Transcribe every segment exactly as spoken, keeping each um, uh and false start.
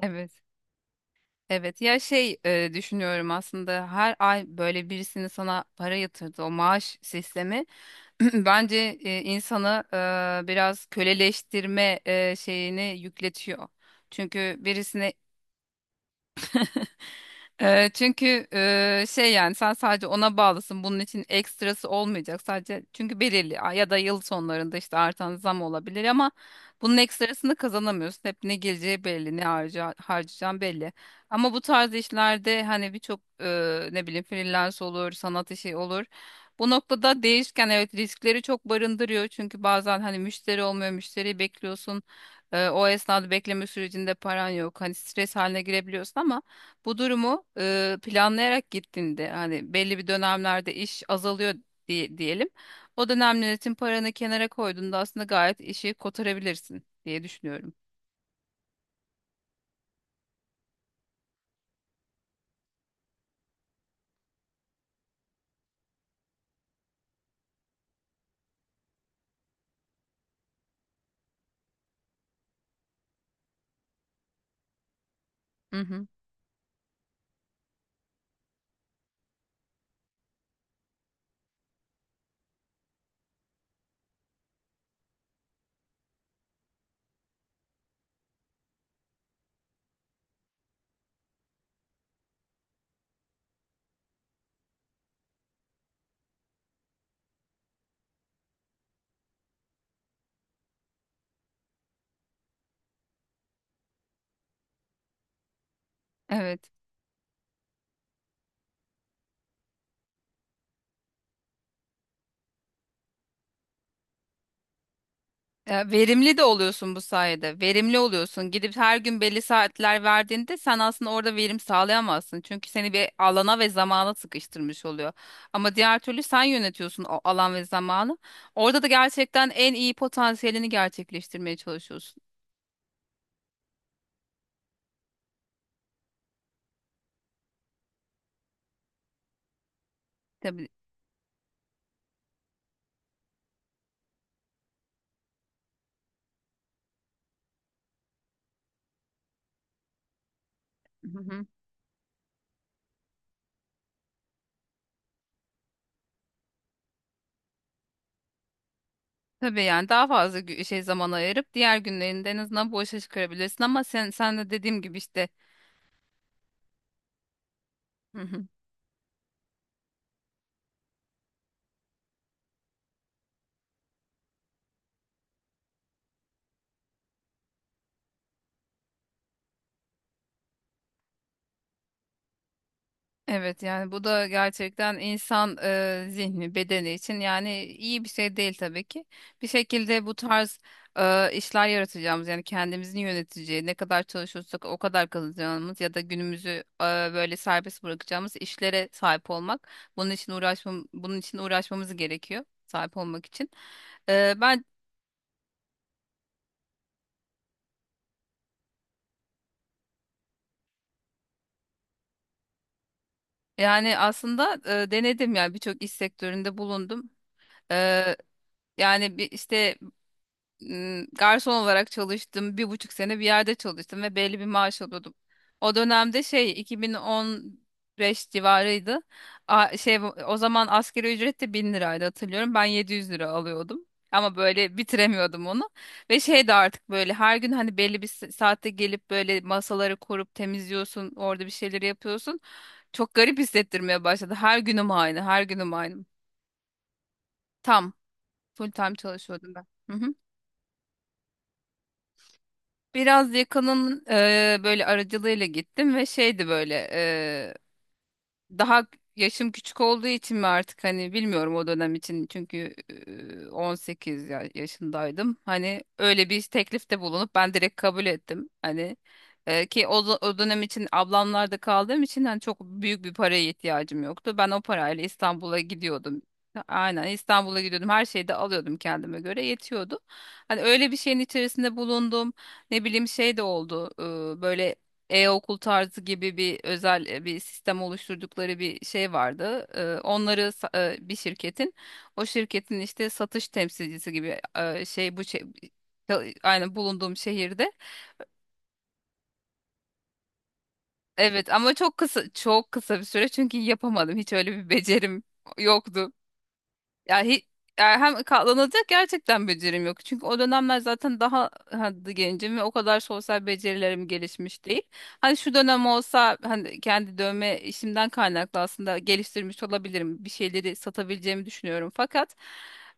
Evet. Evet ya şey e, düşünüyorum aslında her ay böyle birisinin sana para yatırdı o maaş sistemi, bence e, insanı e, biraz köleleştirme e, şeyini yükletiyor. Çünkü birisine Eee, çünkü eee, şey yani sen sadece ona bağlısın. Bunun için ekstrası olmayacak. Sadece çünkü belirli a- ya da yıl sonlarında işte artan zam olabilir ama bunun ekstrasını kazanamıyorsun. Hep ne geleceği belli, ne harca, harcayacağın belli. Ama bu tarz işlerde hani birçok eee, ne bileyim freelance olur, sanat işi olur. Bu noktada değişken, evet, riskleri çok barındırıyor. Çünkü bazen hani müşteri olmuyor, müşteriyi bekliyorsun. Eee, o esnada bekleme sürecinde paran yok. Hani stres haline girebiliyorsun ama bu durumu e, planlayarak gittiğinde hani belli bir dönemlerde iş azalıyor diye, diyelim. O dönem yönetim paranı kenara koyduğunda aslında gayet işi kotarabilirsin diye düşünüyorum. Hı hı. Evet. Ya, verimli de oluyorsun bu sayede. Verimli oluyorsun. Gidip her gün belli saatler verdiğinde sen aslında orada verim sağlayamazsın. Çünkü seni bir alana ve zamana sıkıştırmış oluyor. Ama diğer türlü sen yönetiyorsun o alan ve zamanı. Orada da gerçekten en iyi potansiyelini gerçekleştirmeye çalışıyorsun. Hı hı. Tabii yani daha fazla gü- şey zaman ayırıp diğer günlerinde en azından bu işe çıkarabilirsin ama sen sen de dediğim gibi işte. Hı hı. Evet yani bu da gerçekten insan e, zihni bedeni için yani iyi bir şey değil tabii ki. Bir şekilde bu tarz e, işler yaratacağımız, yani kendimizin yöneteceği, ne kadar çalışırsak o kadar kazanacağımız ya da günümüzü e, böyle serbest bırakacağımız işlere sahip olmak, bunun için uğraşmam bunun için uğraşmamız gerekiyor sahip olmak için. E, Yani aslında e, denedim, yani birçok iş sektöründe bulundum. E, yani bir işte m, garson olarak çalıştım. Bir buçuk sene bir yerde çalıştım ve belli bir maaş alıyordum. O dönemde şey iki bin on beş civarıydı. A- şey o zaman asgari ücret de bin liraydı, hatırlıyorum. Ben yedi yüz lira alıyordum. Ama böyle bitiremiyordum onu. Ve şey de artık böyle her gün hani belli bir sa- saatte gelip böyle masaları kurup temizliyorsun. Orada bir şeyleri yapıyorsun. Çok garip hissettirmeye başladı. Her günüm aynı, her günüm aynı. Tam, full time çalışıyordum ben. Hı hı. Biraz yakının e, böyle aracılığıyla gittim ve şeydi böyle daha yaşım küçük olduğu için mi artık hani bilmiyorum, o dönem için, çünkü e, on sekiz ya- yaşındaydım. Hani öyle bir teklifte bulunup ben direkt kabul ettim. Hani e, ki o, za- o dönem için ablamlarda kaldığım için hani çok büyük bir paraya ihtiyacım yoktu. Ben o parayla İstanbul'a gidiyordum. Aynen, İstanbul'a gidiyordum. Her şeyi de alıyordum, kendime göre yetiyordu. Hani öyle bir şeyin içerisinde bulundum. Ne bileyim şey de oldu. e, Böyle e-okul tarzı gibi bir özel e, bir sistem oluşturdukları bir şey vardı. Ee, Onları sa- e, bir şirketin, o şirketin işte satış temsilcisi gibi e, şey bu şey aynı bulunduğum şehirde. Evet ama çok kısa, çok kısa bir süre, çünkü yapamadım. Hiç öyle bir becerim yoktu. Ya hi- Erhem katlanacak gerçekten becerim yok. Çünkü o dönemler zaten daha, hadi gencim ve o kadar sosyal becerilerim gelişmiş değil. Hani şu dönem olsa hani kendi dövme işimden kaynaklı aslında geliştirmiş olabilirim. Bir şeyleri satabileceğimi düşünüyorum. Fakat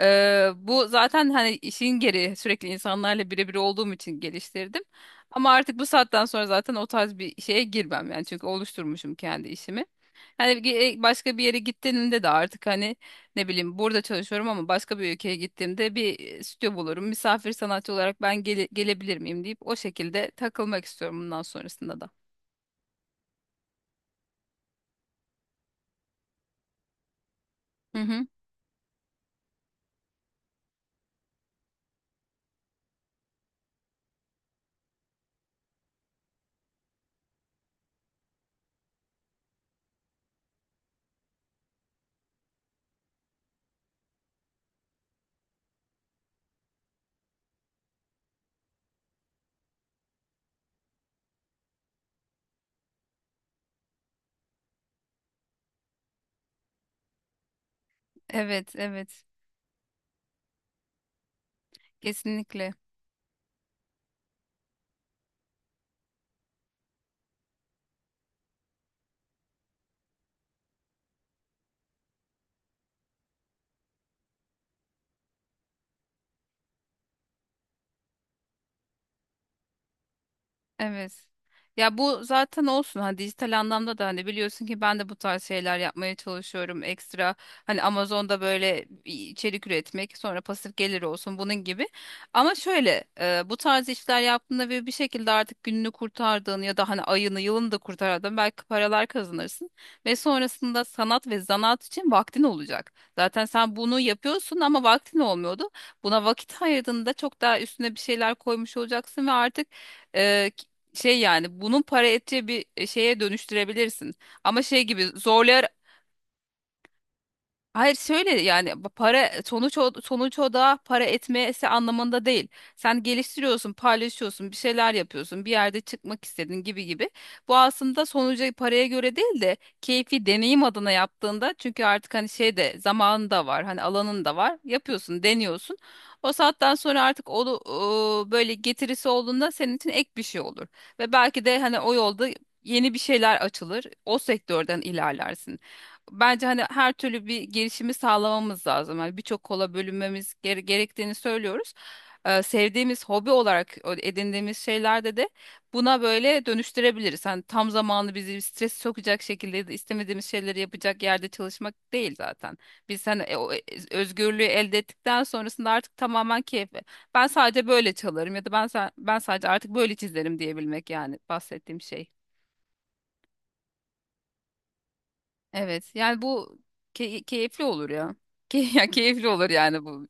e, bu zaten hani işin geri sürekli insanlarla birebir olduğum için geliştirdim. Ama artık bu saatten sonra zaten o tarz bir şeye girmem yani, çünkü oluşturmuşum kendi işimi. Hani ge- e, başka bir yere gittiğimde de artık, hani ne bileyim, burada çalışıyorum ama başka bir ülkeye gittiğimde bir e, stüdyo bulurum. Misafir sanatçı olarak ben gele- gelebilir miyim deyip o şekilde takılmak istiyorum bundan sonrasında da. Hı hı. Evet, evet. Kesinlikle. Evet. Ya bu zaten olsun, hani dijital anlamda da hani biliyorsun ki ben de bu tarz şeyler yapmaya çalışıyorum. Ekstra hani Amazon'da böyle içerik üretmek, sonra pasif gelir olsun bunun gibi, ama şöyle, e, bu tarz işler yaptığında ve bir şekilde artık gününü kurtardığın ya da hani ayını yılını da kurtardığın, belki paralar kazanırsın ve sonrasında sanat ve zanaat için vaktin olacak. Zaten sen bunu yapıyorsun ama vaktin olmuyordu. Buna vakit ayırdığında çok daha üstüne bir şeyler koymuş olacaksın ve artık şey yani bunun para ettiği bir e, şeye dönüştürebilirsin. Ama şey gibi zorlayarak. Hayır, şöyle yani bu para, e, sonuç o, sonuç o da para etmesi anlamında değil. Sen geliştiriyorsun, paylaşıyorsun, bir şeyler yapıyorsun, bir yerde çıkmak istedin gibi gibi. Bu aslında sonuca, paraya göre değil de keyfi deneyim adına yaptığında, çünkü artık hani şey de zamanın da var, hani alanın da var. Yapıyorsun, deniyorsun. O saatten sonra artık o böyle getirisi olduğunda senin için ek bir şey olur. Ve belki de hani o yolda yeni bir şeyler açılır. O sektörden ilerlersin. Bence hani her türlü bir girişimi sağlamamız lazım. Hani birçok kola bölünmemiz gere- gerektiğini söylüyoruz. Ee, sevdiğimiz hobi olarak o- edindiğimiz şeylerde de buna böyle dönüştürebiliriz. Hani tam zamanlı bizi stres sokacak şekilde de istemediğimiz şeyleri yapacak yerde çalışmak değil zaten. Biz hani e, o e, özgürlüğü elde ettikten sonrasında artık tamamen keyfe. Ben sadece böyle çalarım ya da ben sa- ben sadece artık böyle çizerim diyebilmek, yani bahsettiğim şey. Evet. Yani bu key- keyifli olur ya. Key ya, keyifli olur yani bu.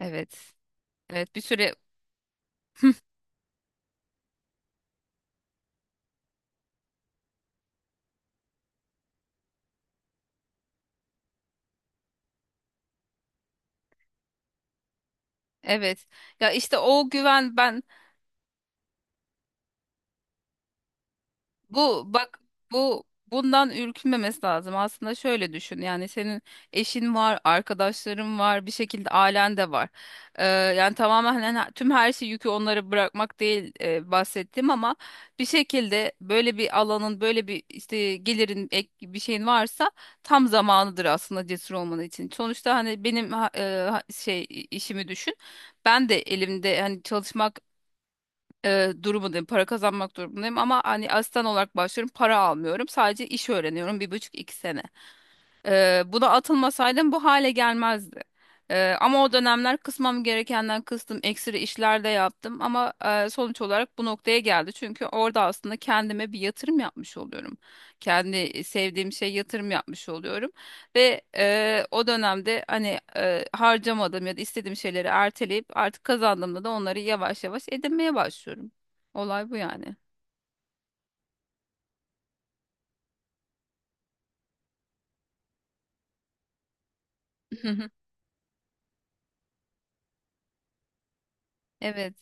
Evet. Evet, bir süre evet. Ya, işte o güven, ben. Bu bak, bu bundan ürkünmemesi lazım. Aslında şöyle düşün. Yani senin eşin var, arkadaşların var, bir şekilde ailen de var. Ee, yani tamamen, hani her- tüm her şey yükü onlara bırakmak değil, e, bahsettim, ama bir şekilde böyle bir alanın, böyle bir işte gelirin, ek bir şeyin varsa tam zamanıdır aslında cesur olman için. Sonuçta hani benim ha- e, ha- şey işimi düşün. Ben de elimde hani çalışmak e, durumundayım. Para kazanmak durumundayım, ama hani asistan olarak başlıyorum. Para almıyorum. Sadece iş öğreniyorum. Bir buçuk iki sene. Ee, buna atılmasaydım bu hale gelmezdi. Ee, ama o dönemler kısmam gerekenden kıstım, ekstra işler de yaptım, ama e, sonuç olarak bu noktaya geldi. Çünkü orada aslında kendime bir yatırım yapmış oluyorum. Kendi sevdiğim şey yatırım yapmış oluyorum. Ve e, o dönemde, hani e, harcamadığım ya da istediğim şeyleri erteleyip artık kazandığımda da onları yavaş yavaş edinmeye başlıyorum. Olay bu yani. Evet.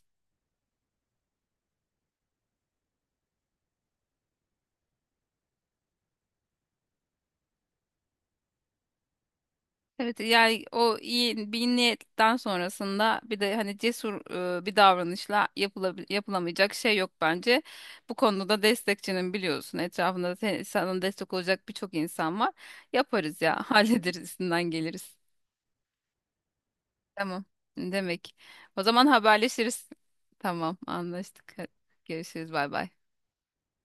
Evet, yani o iyi bir niyetten sonrasında bir de hani cesur e, bir davranışla, yapılabil- yapılamayacak şey yok bence. Bu konuda da destekçinin biliyorsun, etrafında da te- sana destek olacak birçok insan var. Yaparız ya, hallederiz, üstünden geliriz. Tamam demek. O zaman haberleşiriz. Tamam, anlaştık. Hadi. Görüşürüz, bay bay.